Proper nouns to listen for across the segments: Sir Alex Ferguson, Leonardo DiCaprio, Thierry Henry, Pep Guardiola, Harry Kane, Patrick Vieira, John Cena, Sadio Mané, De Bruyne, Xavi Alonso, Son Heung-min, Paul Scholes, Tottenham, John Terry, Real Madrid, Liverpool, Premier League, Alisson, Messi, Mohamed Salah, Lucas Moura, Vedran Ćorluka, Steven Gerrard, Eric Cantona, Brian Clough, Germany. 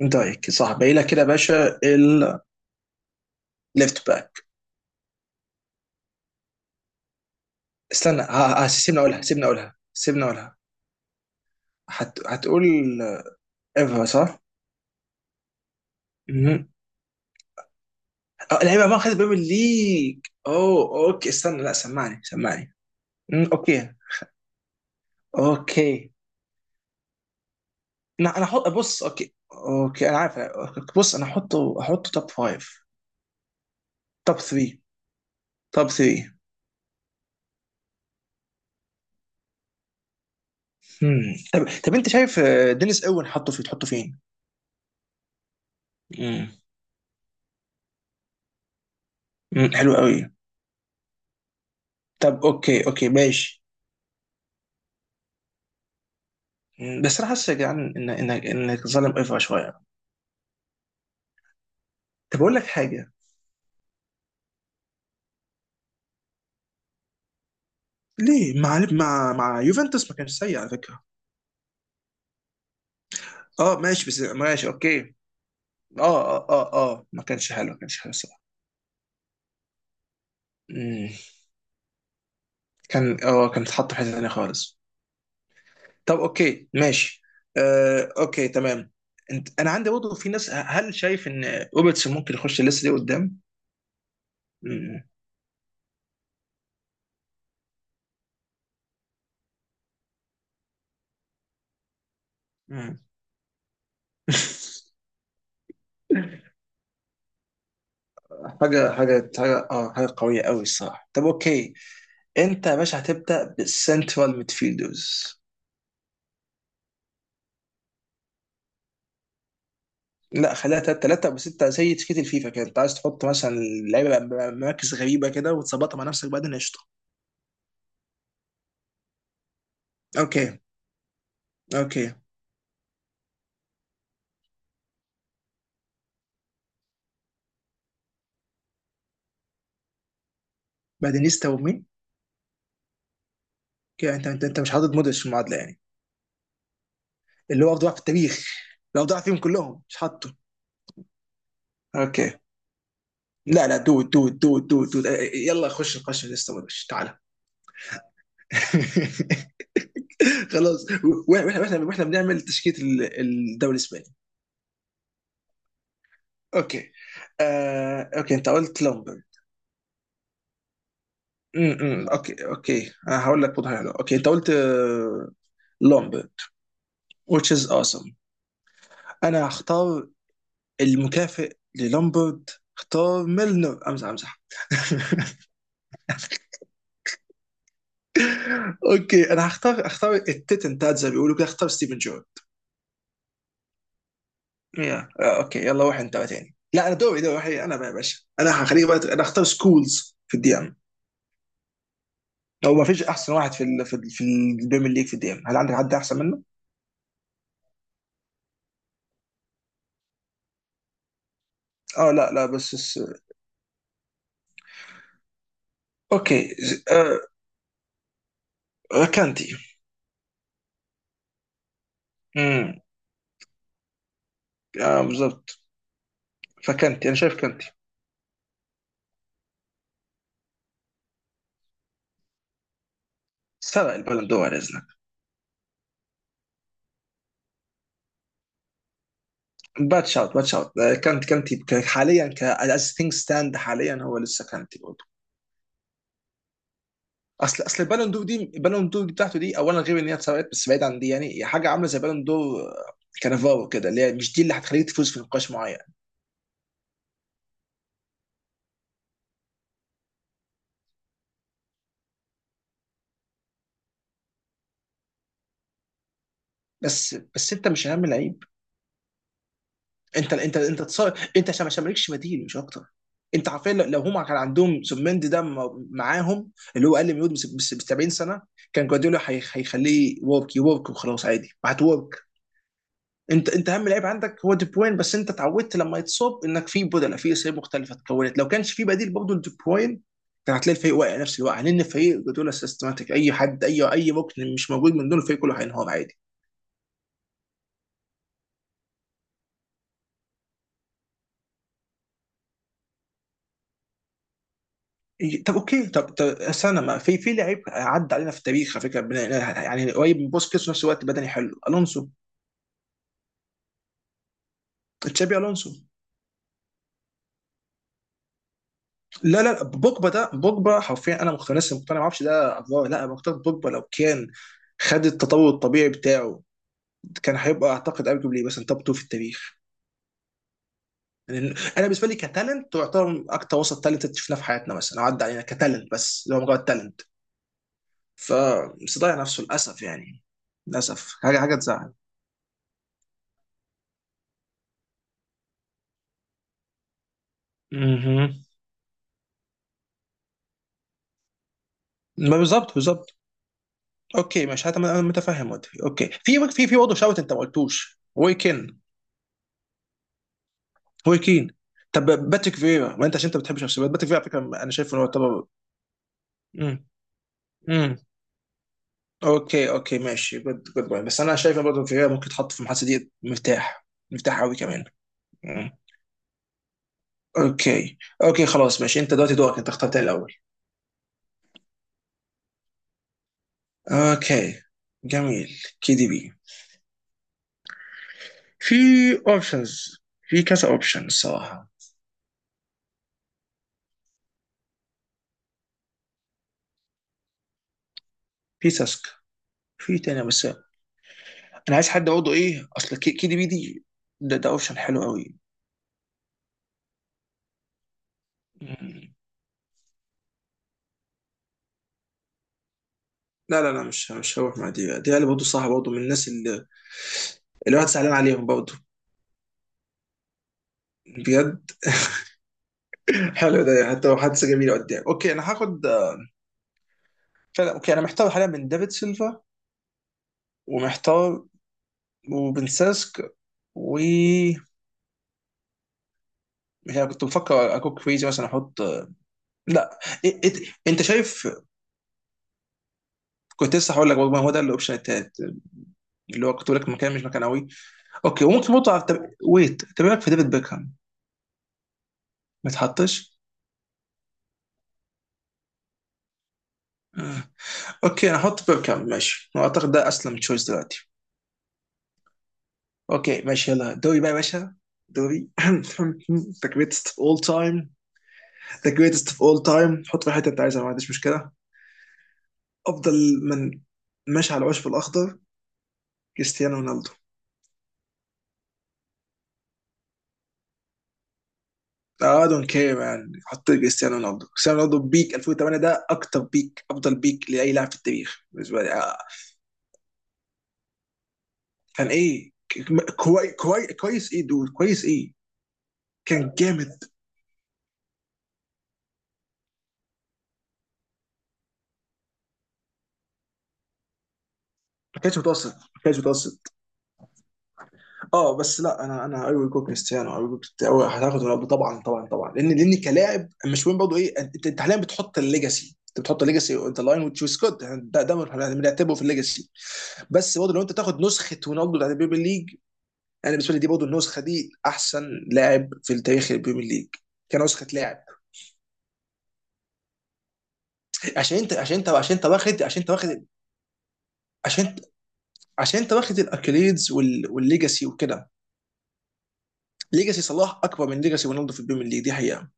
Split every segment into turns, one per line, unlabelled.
دايك صح، باقي لك كده يا باشا الليفت باك. سيبني اقولها، سيبني اقولها. هتقول ايفا صح؟ مهم. اه لعيبه ما خدت بريمير ليج. اوه اوكي استنى، لا سمعني سمعني. اوكي. اوكي انا احط، بص اوكي اوكي انا عارف. بص انا احطه توب فايف. توب 3. توب 3. طب طب انت شايف دينيس اوين، حطه في تحطه فين؟ مم. مم، حلو قوي. طب اوكي اوكي ماشي. بس انا حاسس يا جدعان ان انك ظالم ايفا شويه. طب اقول لك حاجه. ليه مع مع يوفنتوس ما كانش سيء على فكره. اه ماشي بس ماشي اوكي. اه اه اه اه ما كانش حلو، ما كانش حلو الصراحه. مم، كان اه كان اتحط في حته ثانيه خالص. طب اوكي ماشي. آه اوكي تمام. انا عندي برضه في ناس، هل شايف ان روبرتسون ممكن يخش لسه دي قدام؟ مم، مم. حاجه حاجه حاجه اه حاجه قويه قوي الصراحه. طب اوكي. انت يا باشا هتبدا بالسنترال ميدفيلدرز. لا خليها تلاته تلاته، بس انت زي تشكيله الفيفا كده، انت عايز تحط مثلا لعيبه مراكز غريبه كده وتظبطها مع نفسك بعدين قشطه. اوكي. اوكي. بعدين يستا ومين؟ كده انت انت مش حاطط مودريتش في المعادله يعني؟ اللي هو افضل واحد في التاريخ. لو ضاع فيهم كلهم مش حاطه. اوكي. لا لا دود دود دود دود دود اه، يلا خش نقاش لسه، مودريتش تعالى. خلاص. واحنا واحنا بنعمل تشكيله الدوري الاسباني. اوكي. اوكي انت قلت لامبر. اوكي اوكي انا هقول لك وضع حلو. اوكي انت قلت لومبرد. which is awesome. انا هختار المكافئ للومبرد. اختار ميلنر، امزح امزح. اوكي انا اختار التتن بتاعت زي ما بيقولوا كده، اختار ستيفن جورد. يا اوكي يلا روح انت بقى تاني. لا انا دوري، دوري واحد انا بقى يا باشا، انا هخليك بقى انا هختار سكولز في الدي ام. هو ما فيش احسن واحد في في البريمير ليج في الدي ام، هل عندك حد احسن منه؟ اه لا لا اوكي كانتي. مم. اه بالظبط. فكانتي، انا شايف كانتي. سرق البالون دور على اذنك. باد شوت، باد شوت. كانتي حاليا، ك از ثينج ستاند حاليا، هو لسه كانتي برضه. اصل البالون دور دي، البالون دور دي بتاعته دي، اولا غير ان هي اتسرقت، بس بعيد عن دي يعني هي حاجه عامله زي بالون دور كانافارو كده، اللي هي مش دي اللي هتخليك تفوز في نقاش معين. بس انت مش اهم لعيب. انت انت انت تص... انت عشان ما مالكش بديل مش اكتر. انت عارفين لو هم كان عندهم سومندي ده معاهم، اللي هو اقل من يود بس بس 70 سنه، كان جوارديولا هيخليه يورك يورك وخلاص عادي هتورك. انت اهم لعيب عندك هو دي بروين، بس انت اتعودت لما يتصاب انك في بدله في اسامي مختلفه اتكونت. لو كانش في بديل برضه لدي بروين كان هتلاقي الفريق واقع نفس الوقع، لان الفريق جوارديولا سيستماتيك، اي حد اي ركن مش موجود من دون الفريق كله هينهار عادي. إيه، طب اوكي، طب استنى، ما في لعيب عدى علينا في التاريخ على فكره، يعني قريب من بوسكيتس وفي نفس الوقت بدني حلو، الونسو. تشابي الونسو. لا لا لا، بوجبا ده، بوجبا حرفيا انا مقتنع، لسه مقتنع، ما اعرفش ده افوار، لا انا مقتنع بوجبا لو كان خد التطور الطبيعي بتاعه كان هيبقى اعتقد ارجوبلي مثلا توب 2 في التاريخ. لأن انا بالنسبه لي كتالنت تعتبر اكتر وسط تالنت شفناه في حياتنا مثلا، أو عدى علينا كتالنت بس اللي هو مجرد تالنت. فمش ضيع نفسه للاسف يعني. للاسف حاجه حاجه تزعل. مهم. ما بالظبط بالظبط. اوكي مش هتم... انا متفهم وجهي. اوكي في في برضه شوت، انت ما قلتوش ويكن. ويكين. طب باتريك فيرا، ما انت عشان انت بتحب شخصيات باتريك فيرا، على فكره انا شايف انه يعتبر. امم. امم. اوكي اوكي ماشي، جود جود بوينت، بس انا شايف ان برضه فيرا ممكن يتحط في المحادثه دي مرتاح. مرتاح قوي كمان. مم. اوكي. اوكي خلاص ماشي، انت دلوقتي دورك، انت اخترت الاول. اوكي. جميل، كي دي بي. في اوبشنز، في كذا اوبشن الصراحه. في ساسكا، في تاني، بس انا عايز حد اقعده. ايه اصل كي دي بي دي ده، ده اوبشن حلو قوي. مم. لا لا لا، مش مش هروح مع دي، دي اللي برضه صح، برضه من الناس اللي الواحد زعلان عليهم برضه. بجد؟ حلو، ده يعني حتى لو حدث جميل قدام. اوكي انا هاخد، فعلا. اوكي انا محتار حاليا بين دافيد سيلفا، ومحتار وبن ساسك، و مش عارف، كنت بفكر اكون كريزي مثلا احط. لا. إيه إيه. انت شايف؟ كنت لسه هقول لك، برضه ما هو ده الاوبشن التالت، اللي هو كنت بقول لك مكان مش مكان قوي. اوكي وممكن برضه طب ويت، طب إيه رايك في ديفيد بيكهام؟ ما تحطش. آه. اوكي انا احط بيركام ماشي، اعتقد ده اسلم تشويس دلوقتي. اوكي ماشي يلا دوري بقى يا باشا. دوري the greatest of all time. the greatest of all time، حط في الحته اللي انت عايزها، ما عنديش مشكله. افضل من، ماشي، على العشب الاخضر، كريستيانو رونالدو. I don't care man، حط كريستيانو رونالدو، كريستيانو رونالدو بيك 2008 ده اكتر بيك، افضل بيك لاي لاعب في التاريخ بالنسبه لي. آه. كان ايه؟ كويس ايه دول كويس ايه؟ كان جامد. ما كانش متوسط، ما كانش متوسط. اه بس لا انا ايوه جوك كريستيانو، ايوه جوك أيوة، هتاخد رونالدو طبعا طبعا طبعا، لان لان كلاعب مش مهم برضه ايه، انت حاليا بتحط الليجاسي، انت بتحط الليجاسي اون لاين وتشوز جود. ده بنعتبره في الليجاسي. بس برضه لو انت تاخد نسخه رونالدو بتاعت البريمير ليج، انا بالنسبه لي دي برضه النسخه دي احسن لاعب في تاريخ البريمير ليج كنسخه لاعب. عشان انت واخد، عشان عشان انت واخد الاكليدز والليجاسي وكده. ليجاسي صلاح اكبر من ليجاسي رونالدو في البريمير ليج، دي حقيقه.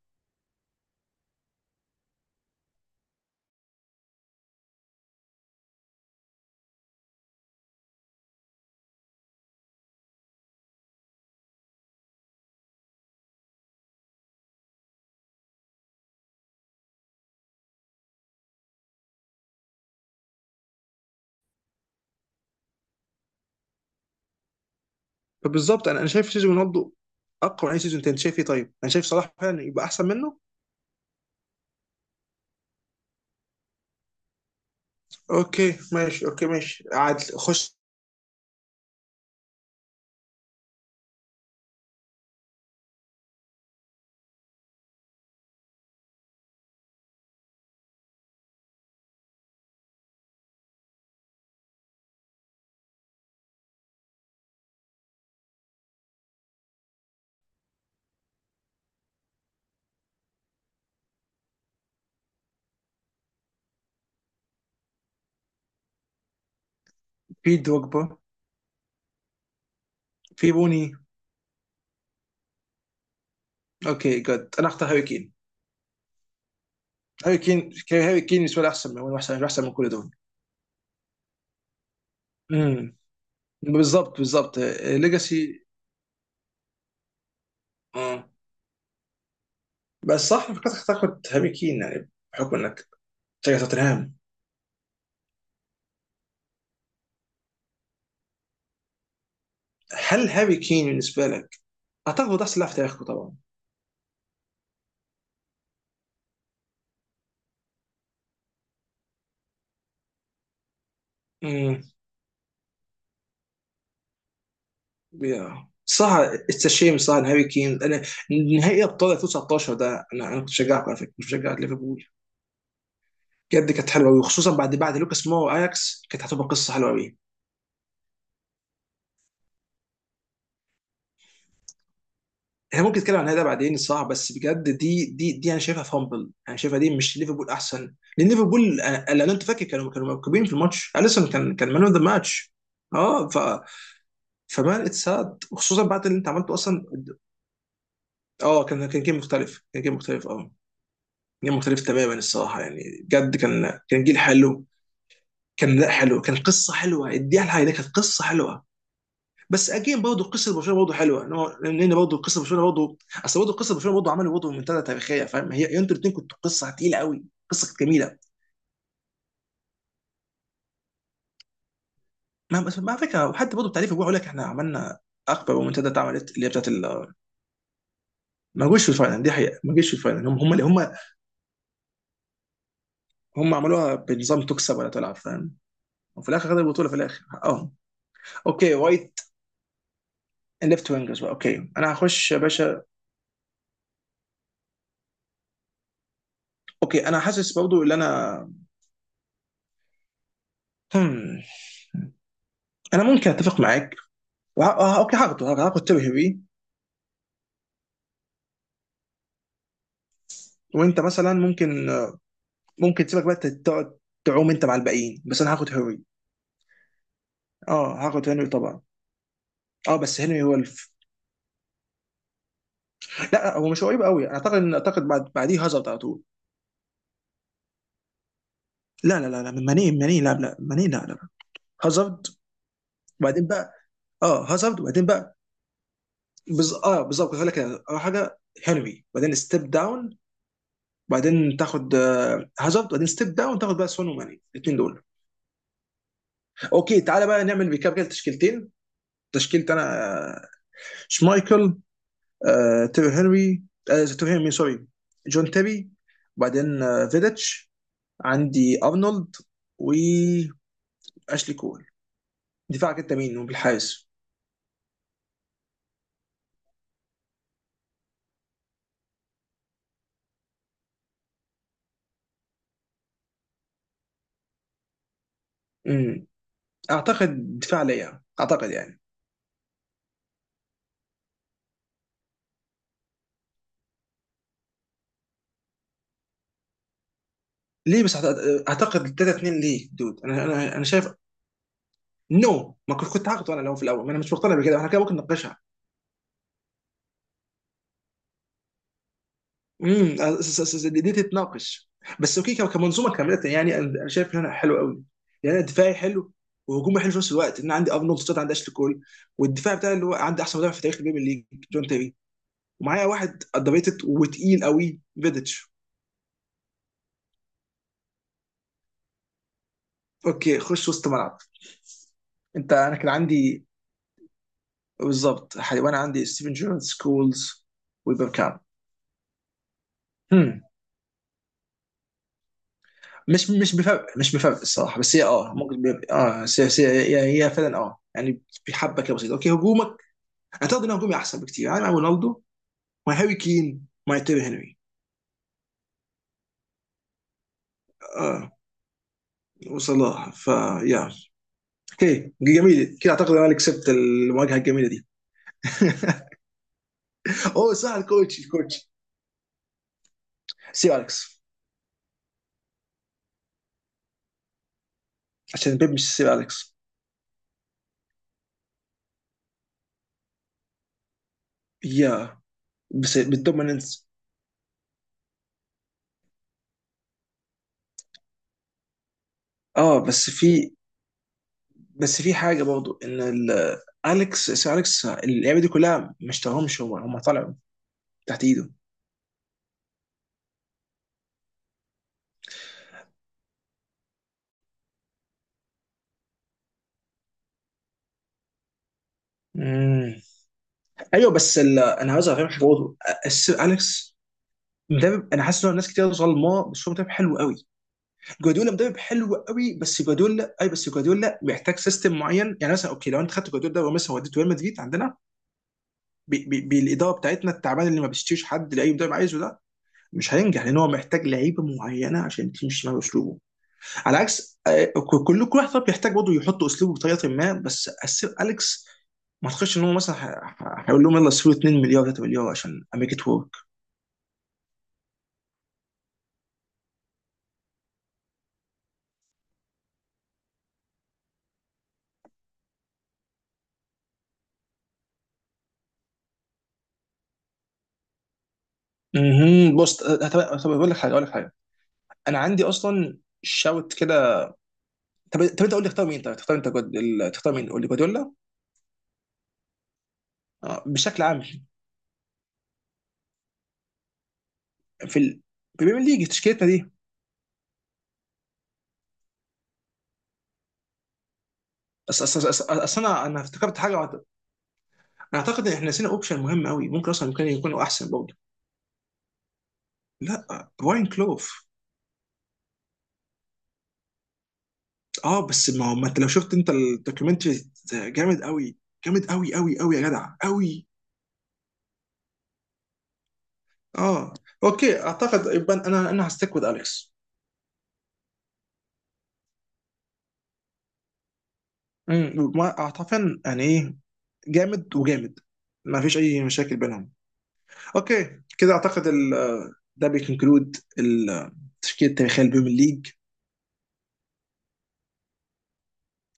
فبالظبط، انا شايف سيزون رونالدو اقوى من اي سيزون تاني، انت شايف ايه؟ طيب انا شايف صلاح فعلا يبقى احسن منه. اوكي ماشي، اوكي ماشي، عادل خش. في دوجبا. في بوني. اوكي جد انا اختار هاري كين. هاري كين بالنسبه لي احسن من، هو احسن، احسن من كل دول. امم. بالظبط بالظبط. ليجاسي. اه بس صح، أنا فكرت تاخد هاري كين يعني بحكم انك تشجع توتنهام. هل هاري كين بالنسبه لك، اعتقد هو ده احسن لاعب في تاريخه طبعا؟ امم. يا صح. اتس شيم صح إن هاري كين، نهائي ابطال 2019 ده، انا كنت بشجعكم على فكره، مش بشجع ليفربول. بجد، كانت حلوه قوي، وخصوصا بعد بعد لوكاس مو واياكس كانت هتبقى قصه حلوه قوي. احنا ممكن نتكلم عن هذا بعدين الصراحه، بس بجد دي انا شايفها فامبل، انا شايفها دي مش ليفربول احسن، لان ليفربول لان انت فاكر كانوا، كانوا مركبين في الماتش، اليسون كان مان اوف ذا ماتش. اه ف فمان اتساد، وخصوصا بعد اللي انت عملته اصلا. اه كان، كان جيم مختلف، كان جيم مختلف اه. جيل مختلف تماما الصراحه، يعني بجد كان، كان جيل حلو. كان لا حلو، كان قصه حلوه، اديها لها، ده كانت قصه حلوه. بس اجين برضه قصه برشلونه برضه حلوه، ان هو لان برضه قصه برشلونه برضه، اصل برضه قصه برشلونه برضه عملوا برضه منتدى تاريخيه، فاهم؟ هي انتوا الاثنين كنتوا قصه تقيله قوي، قصه كانت جميله. ما على فكره، وحتى برضه التعريف بيقول لك احنا عملنا اكبر منتدى اتعملت اللي هي بتاعت ما جوش في الفاينل، دي حقيقه، ما جوش في الفاينل، هم اللي هم. هم عملوها بنظام تكسب ولا تلعب، فاهم؟ وفي الاخر خدوا البطوله في الاخر اه. اوكي وايت. الليفت وينجرز بقى، اوكي انا هخش يا باشا. اوكي انا حاسس برضو ان انا، هم. انا ممكن اتفق معاك. وه... آه، اوكي هاخد تيري هيري. وانت مثلا ممكن، ممكن تسيبك بقى تقعد تعوم انت مع الباقيين، بس انا هاخد هيري. اه هاخد هنري طبعا. اه بس هنري هو لا هو مش قريب قوي، انا اعتقد ان، اعتقد بعد بعديه هازارد على طول. لا لا لا لا ماني ماني لا لا ماني لا لا هازارد وبعدين بقى. اه هازارد وبعدين بقى، اه بالظبط كنت هقول لك كده. اول حاجه هنري، بعدين ستيب داون بعدين تاخد هازارد، بعدين ستيب داون تاخد بقى سون وماني الاثنين دول. اوكي تعالى بقى نعمل ريكاب كده تشكيلتين. تشكيلة انا، آه، شمايكل، آه، تيري هنري تيري هنري، مين سوري؟ جون تيري. وبعدين فيديتش. عندي ارنولد، واشلي كول. دفاعك انت مين وبالحارس؟ امم، اعتقد دفاع ليا اعتقد يعني. ليه بس اعتقد 3 2 ليه دود؟ انا انا شايف، نو، ما كنت كنت هاخده انا لو في الاول، ما انا مش مقتنع بكده، احنا كده ممكن نناقشها. امم، دي دي تتناقش. بس اوكي، كمنظومه كامله يعني انا، أنا شايف ان انا حلو قوي، يعني انا دفاعي حلو، وهجومي حلو في نفس الوقت، ان انا عندي ارنولد ستات، عندي اشلي كول، والدفاع بتاعي اللي هو عندي احسن مدافع في تاريخ البريمير ليج جون تيري، ومعايا واحد اندريتد وتقيل قوي فيديتش. اوكي خش وسط ملعب. انت انا كان عندي، بالظبط وانا عندي ستيفن جيرارد، سكولز، وبيبكام. هم. مش بفرق، مش بفرق الصراحه، بس هي اه ممكن بيبقى. اه بس هي هي فعلا اه يعني، بحبه كده بسيطه. اوكي هجومك، اعتقد ان هجومي احسن بكتير، يعني مع رونالدو، مع هاري كين، مع تيري هنري. اه وصلاح فيا. اوكي جميل، كده اعتقد انا اللي كسبت المواجهه الجميله دي. اوه صح، الكوتش الكوتش. سير اليكس. عشان بيب مش سير اليكس. يا، بس بالدوميننس. اه بس في، بس في حاجه برضو ان اليكس، سير اليكس اللعيبه دي كلها ما اشتراهمش هو، هم طلعوا تحت ايده. مم. ايوه بس انا عاوز افهمك حاجه برضه. السير اليكس مدرب، انا حاسس ان ناس كتير ظلماه، بس هو مدرب حلو قوي. جوارديولا مدرب حلو قوي، بس جوارديولا، اي بس جوارديولا محتاج سيستم معين، يعني مثلا اوكي لو انت خدت جوارديولا ده ومثلا وديته ريال مدريد عندنا بي بالاداره بتاعتنا التعبان اللي ما بيشتريش حد لاي مدرب عايزه، ده مش هينجح، لان هو محتاج لعيبه معينه عشان تمشي مع اسلوبه. على عكس كل واحد طبعا بيحتاج برضه يحط اسلوبه بطريقه ما، بس السير اليكس ما اعتقدش ان هو مثلا هيقول لهم يلا اشتروا 2 مليار 3 مليار عشان امريكا ورك. بص طب طب اقول لك حاجه، اقول لك حاجه، انا عندي اصلا شوت كده. طب طب انت قول لي تختار مين؟ طيب تختار انت تختار مين قول لي، جوارديولا؟ بشكل عام. في البريمير ليج، تشكيلتنا دي. أص أص أص أص أص أنا افتكرت حاجة أنا أعتقد إن إحنا نسينا أوبشن مهم قوي، ممكن أصلا ممكن يكونوا أحسن برضه. لا، براين كلوف. أه بس ما هو، ما أنت لو شفت أنت الدوكيومنتري ده جامد قوي، جامد قوي قوي قوي يا جدع قوي. أه أوكي، أعتقد يبقى أنا، أنا هستيك وذ أليكس. أمم، أعتقد يعني إيه، جامد وجامد، ما فيش أي مشاكل بينهم. اوكي كده اعتقد ده بيكونكلود التشكيله التاريخيه للبريمير ليج.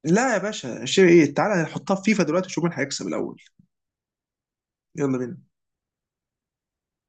لا يا باشا شيء ايه، تعالى نحطها في فيفا دلوقتي ونشوف مين هيكسب الاول. يلا بينا.